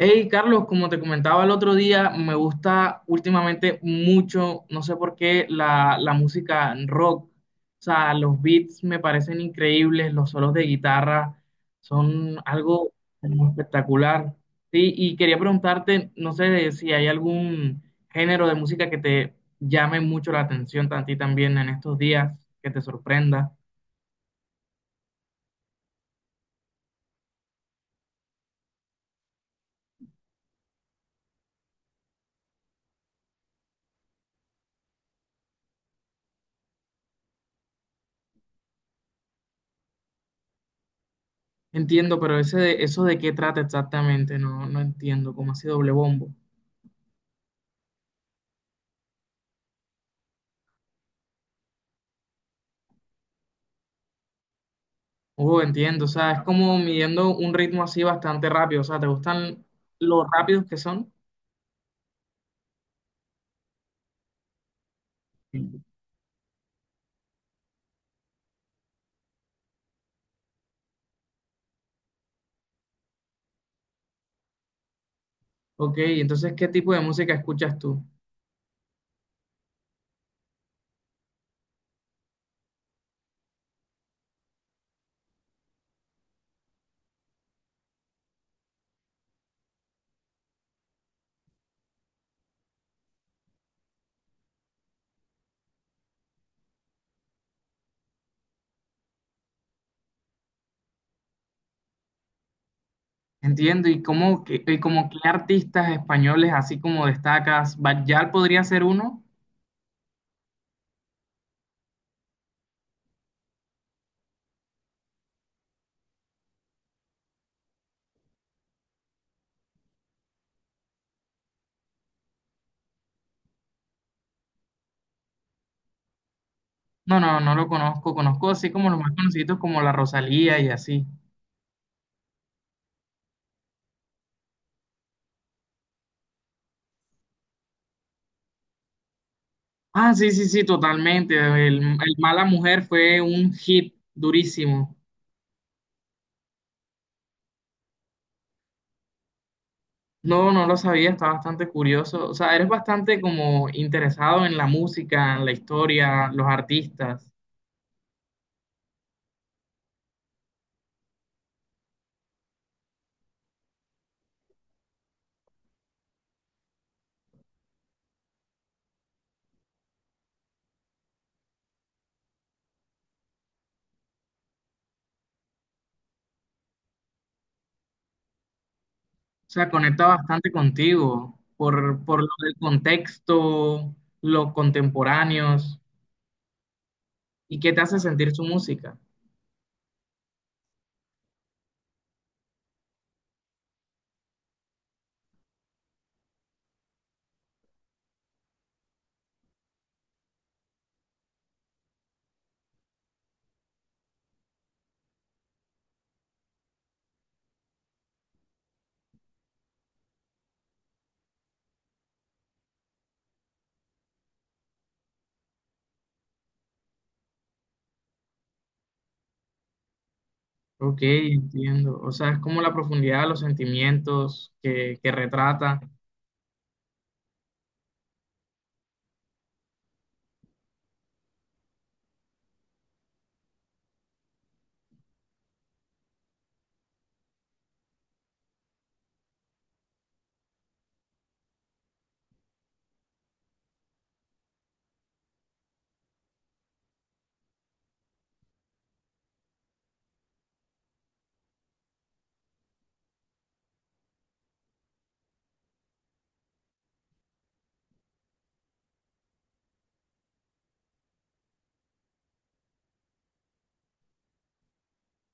Hey, Carlos, como te comentaba el otro día, me gusta últimamente mucho, no sé por qué, la música rock. O sea, los beats me parecen increíbles, los solos de guitarra son algo espectacular. Sí, y quería preguntarte, no sé si hay algún género de música que te llame mucho la atención a ti también en estos días, que te sorprenda. Entiendo, pero eso de qué trata exactamente, no entiendo, cómo así doble bombo. Oh, entiendo, o sea, es como midiendo un ritmo así bastante rápido, o sea, ¿te gustan los rápidos que son? Sí. Ok, entonces, ¿qué tipo de música escuchas tú? Entiendo, y como qué artistas españoles así como destacas, ¿Bayal podría ser uno? No, no, no lo conozco, conozco así como los más conocidos como la Rosalía y así. Ah, sí, sí, sí, totalmente, el Mala Mujer fue un hit durísimo. No, no lo sabía, está bastante curioso. O sea, eres bastante como interesado en la música, en la historia, los artistas. O sea, conecta bastante contigo por lo del contexto, los contemporáneos y qué te hace sentir su música. Ok, entiendo. O sea, es como la profundidad de los sentimientos que retrata.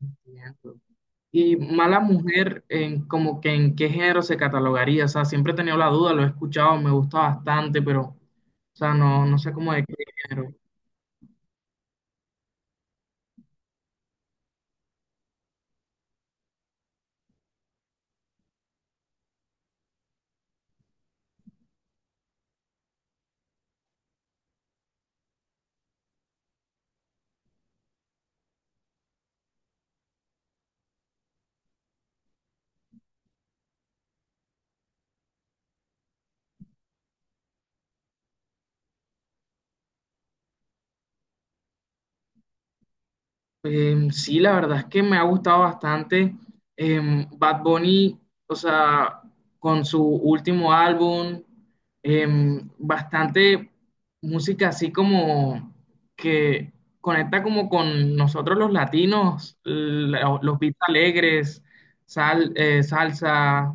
Entiendo. Y mala mujer, en, como que en qué género se catalogaría, o sea, siempre he tenido la duda, lo he escuchado, me gusta bastante, pero, o sea, no sé cómo de qué género. Sí, la verdad es que me ha gustado bastante Bad Bunny, o sea, con su último álbum, bastante música así como que conecta como con nosotros los latinos, los beats alegres, salsa,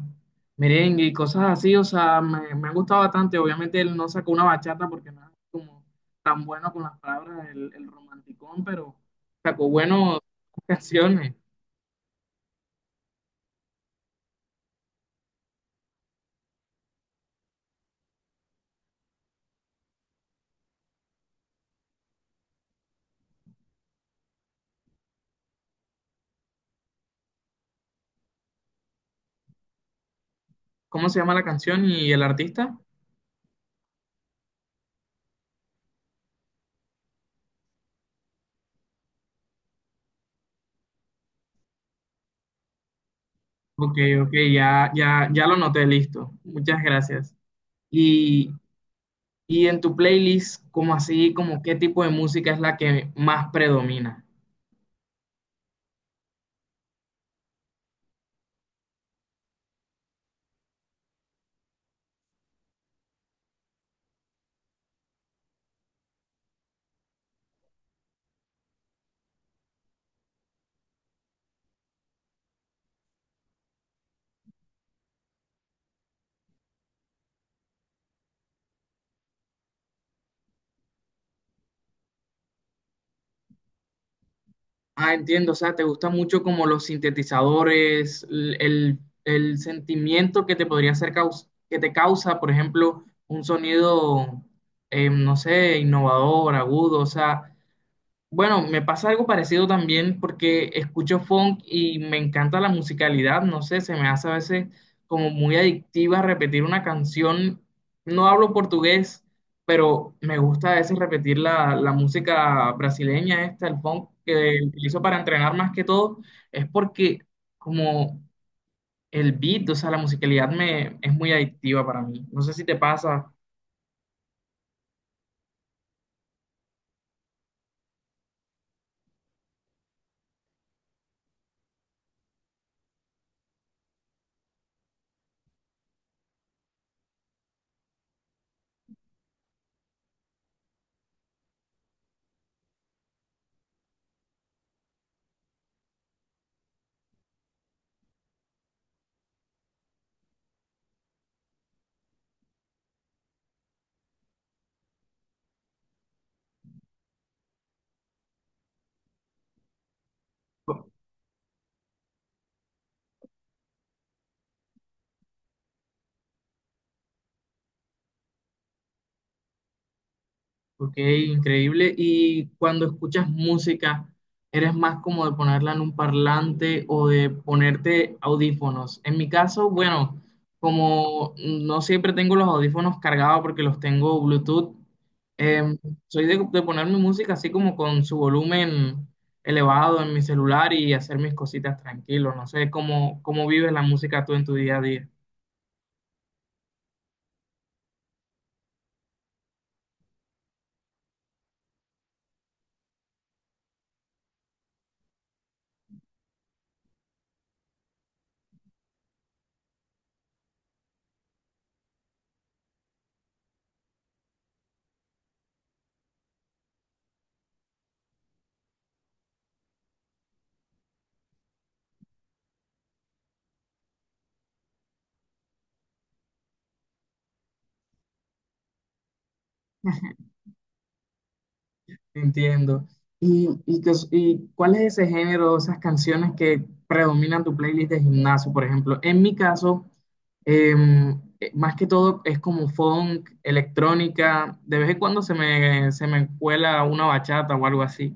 merengue y cosas así, o sea, me ha gustado bastante. Obviamente él no sacó una bachata porque no es como tan bueno con las palabras, el romanticón, pero... Sacó bueno canciones. ¿Cómo se llama la canción y el artista? Ok, ok, ya lo noté, listo. Muchas gracias. Y, y en tu playlist, ¿cómo así, como qué tipo de música es la que más predomina? Ah, entiendo, o sea, te gusta mucho como los sintetizadores, el sentimiento que te podría hacer que te causa, por ejemplo, un sonido, no sé, innovador, agudo, o sea, Bueno, me pasa algo parecido también porque escucho funk y me encanta la musicalidad, no sé, se me hace a veces como muy adictiva repetir una canción. No hablo portugués, pero me gusta a veces repetir la música brasileña esta, el funk que utilizo para entrenar más que todo, es porque como el beat, o sea, la musicalidad es muy adictiva para mí. No sé si te pasa. Ok, increíble. Y cuando escuchas música, ¿eres más como de ponerla en un parlante o de ponerte audífonos? En mi caso, bueno, como no siempre tengo los audífonos cargados porque los tengo Bluetooth, em, soy de poner mi música así como con su volumen elevado en mi celular y hacer mis cositas tranquilo. No sé cómo, cómo vives la música tú en tu día a día. Entiendo. Qué cuál es ese género, esas canciones que predominan tu playlist de gimnasio, por ejemplo? En mi caso, más que todo es como funk, electrónica, de vez en cuando se me cuela una bachata o algo así.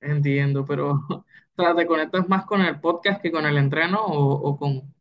Entiendo, pero o sea, ¿te conectas más con el podcast que con el entreno o con...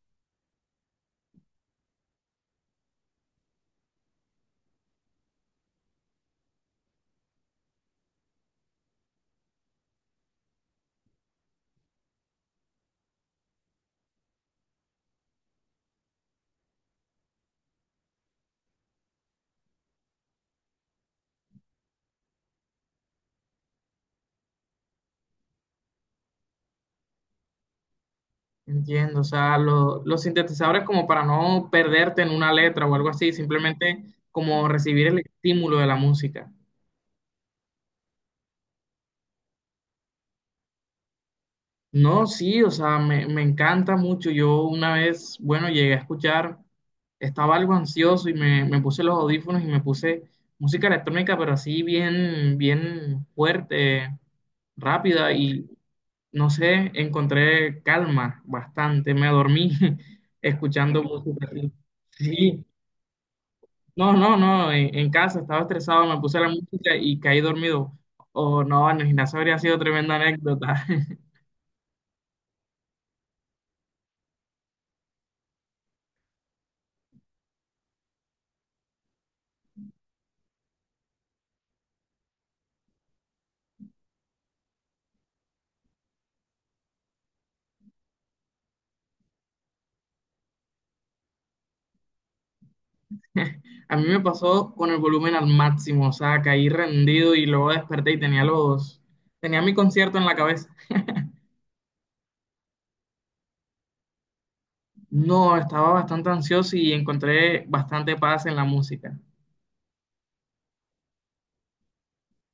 Entiendo, o sea, los sintetizadores como para no perderte en una letra o algo así, simplemente como recibir el estímulo de la música. No, sí, o sea, me encanta mucho. Yo una vez, bueno, llegué a escuchar, estaba algo ansioso y me puse los audífonos y me puse música electrónica, pero así bien, bien fuerte, rápida y no sé, encontré calma bastante. Me dormí escuchando música. Así. Sí, no, no, no, en casa estaba estresado, me puse la música y caí dormido. O no, en el gimnasio habría sido tremenda anécdota. A mí me pasó con el volumen al máximo, o sea, caí rendido y luego desperté y tenía tenía mi concierto en la cabeza. No, estaba bastante ansioso y encontré bastante paz en la música.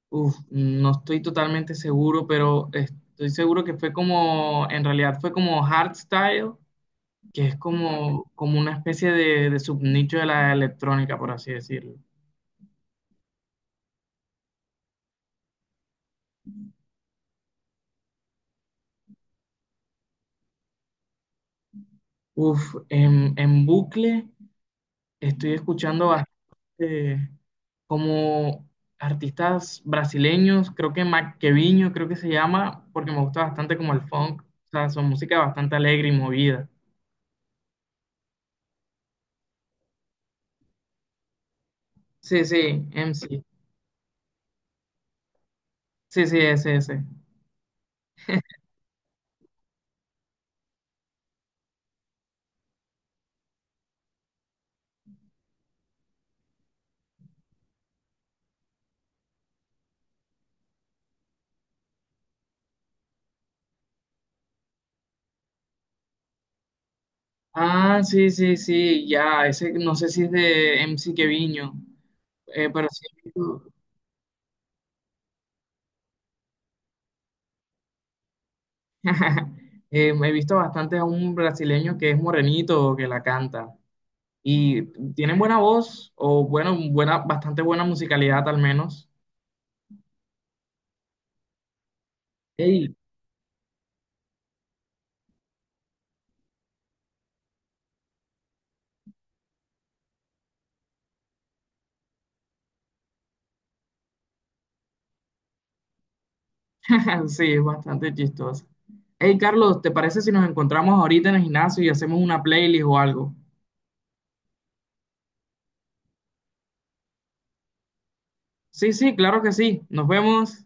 Uf, no estoy totalmente seguro, pero estoy seguro que fue como, en realidad fue como hardstyle, que es como, como una especie de subnicho de la electrónica, por así decirlo. Uf, en bucle estoy escuchando eh, como artistas brasileños, creo que Maquevinho, creo que se llama, porque me gusta bastante como el funk, o sea, su música es bastante alegre y movida. Sí, sí, MC. Sí, sí, ese, ese. Ah, sí, sí, sí, ya, ese no sé si es de MC Quevinho, pero sí. He visto bastante a un brasileño que es morenito, que la canta. Y tienen buena voz, o bueno, buena, bastante buena musicalidad al menos. Ey, Sí, es bastante chistoso. Hey, Carlos, ¿te parece si nos encontramos ahorita en el gimnasio y hacemos una playlist o algo? Sí, sí, claro que sí. Nos vemos.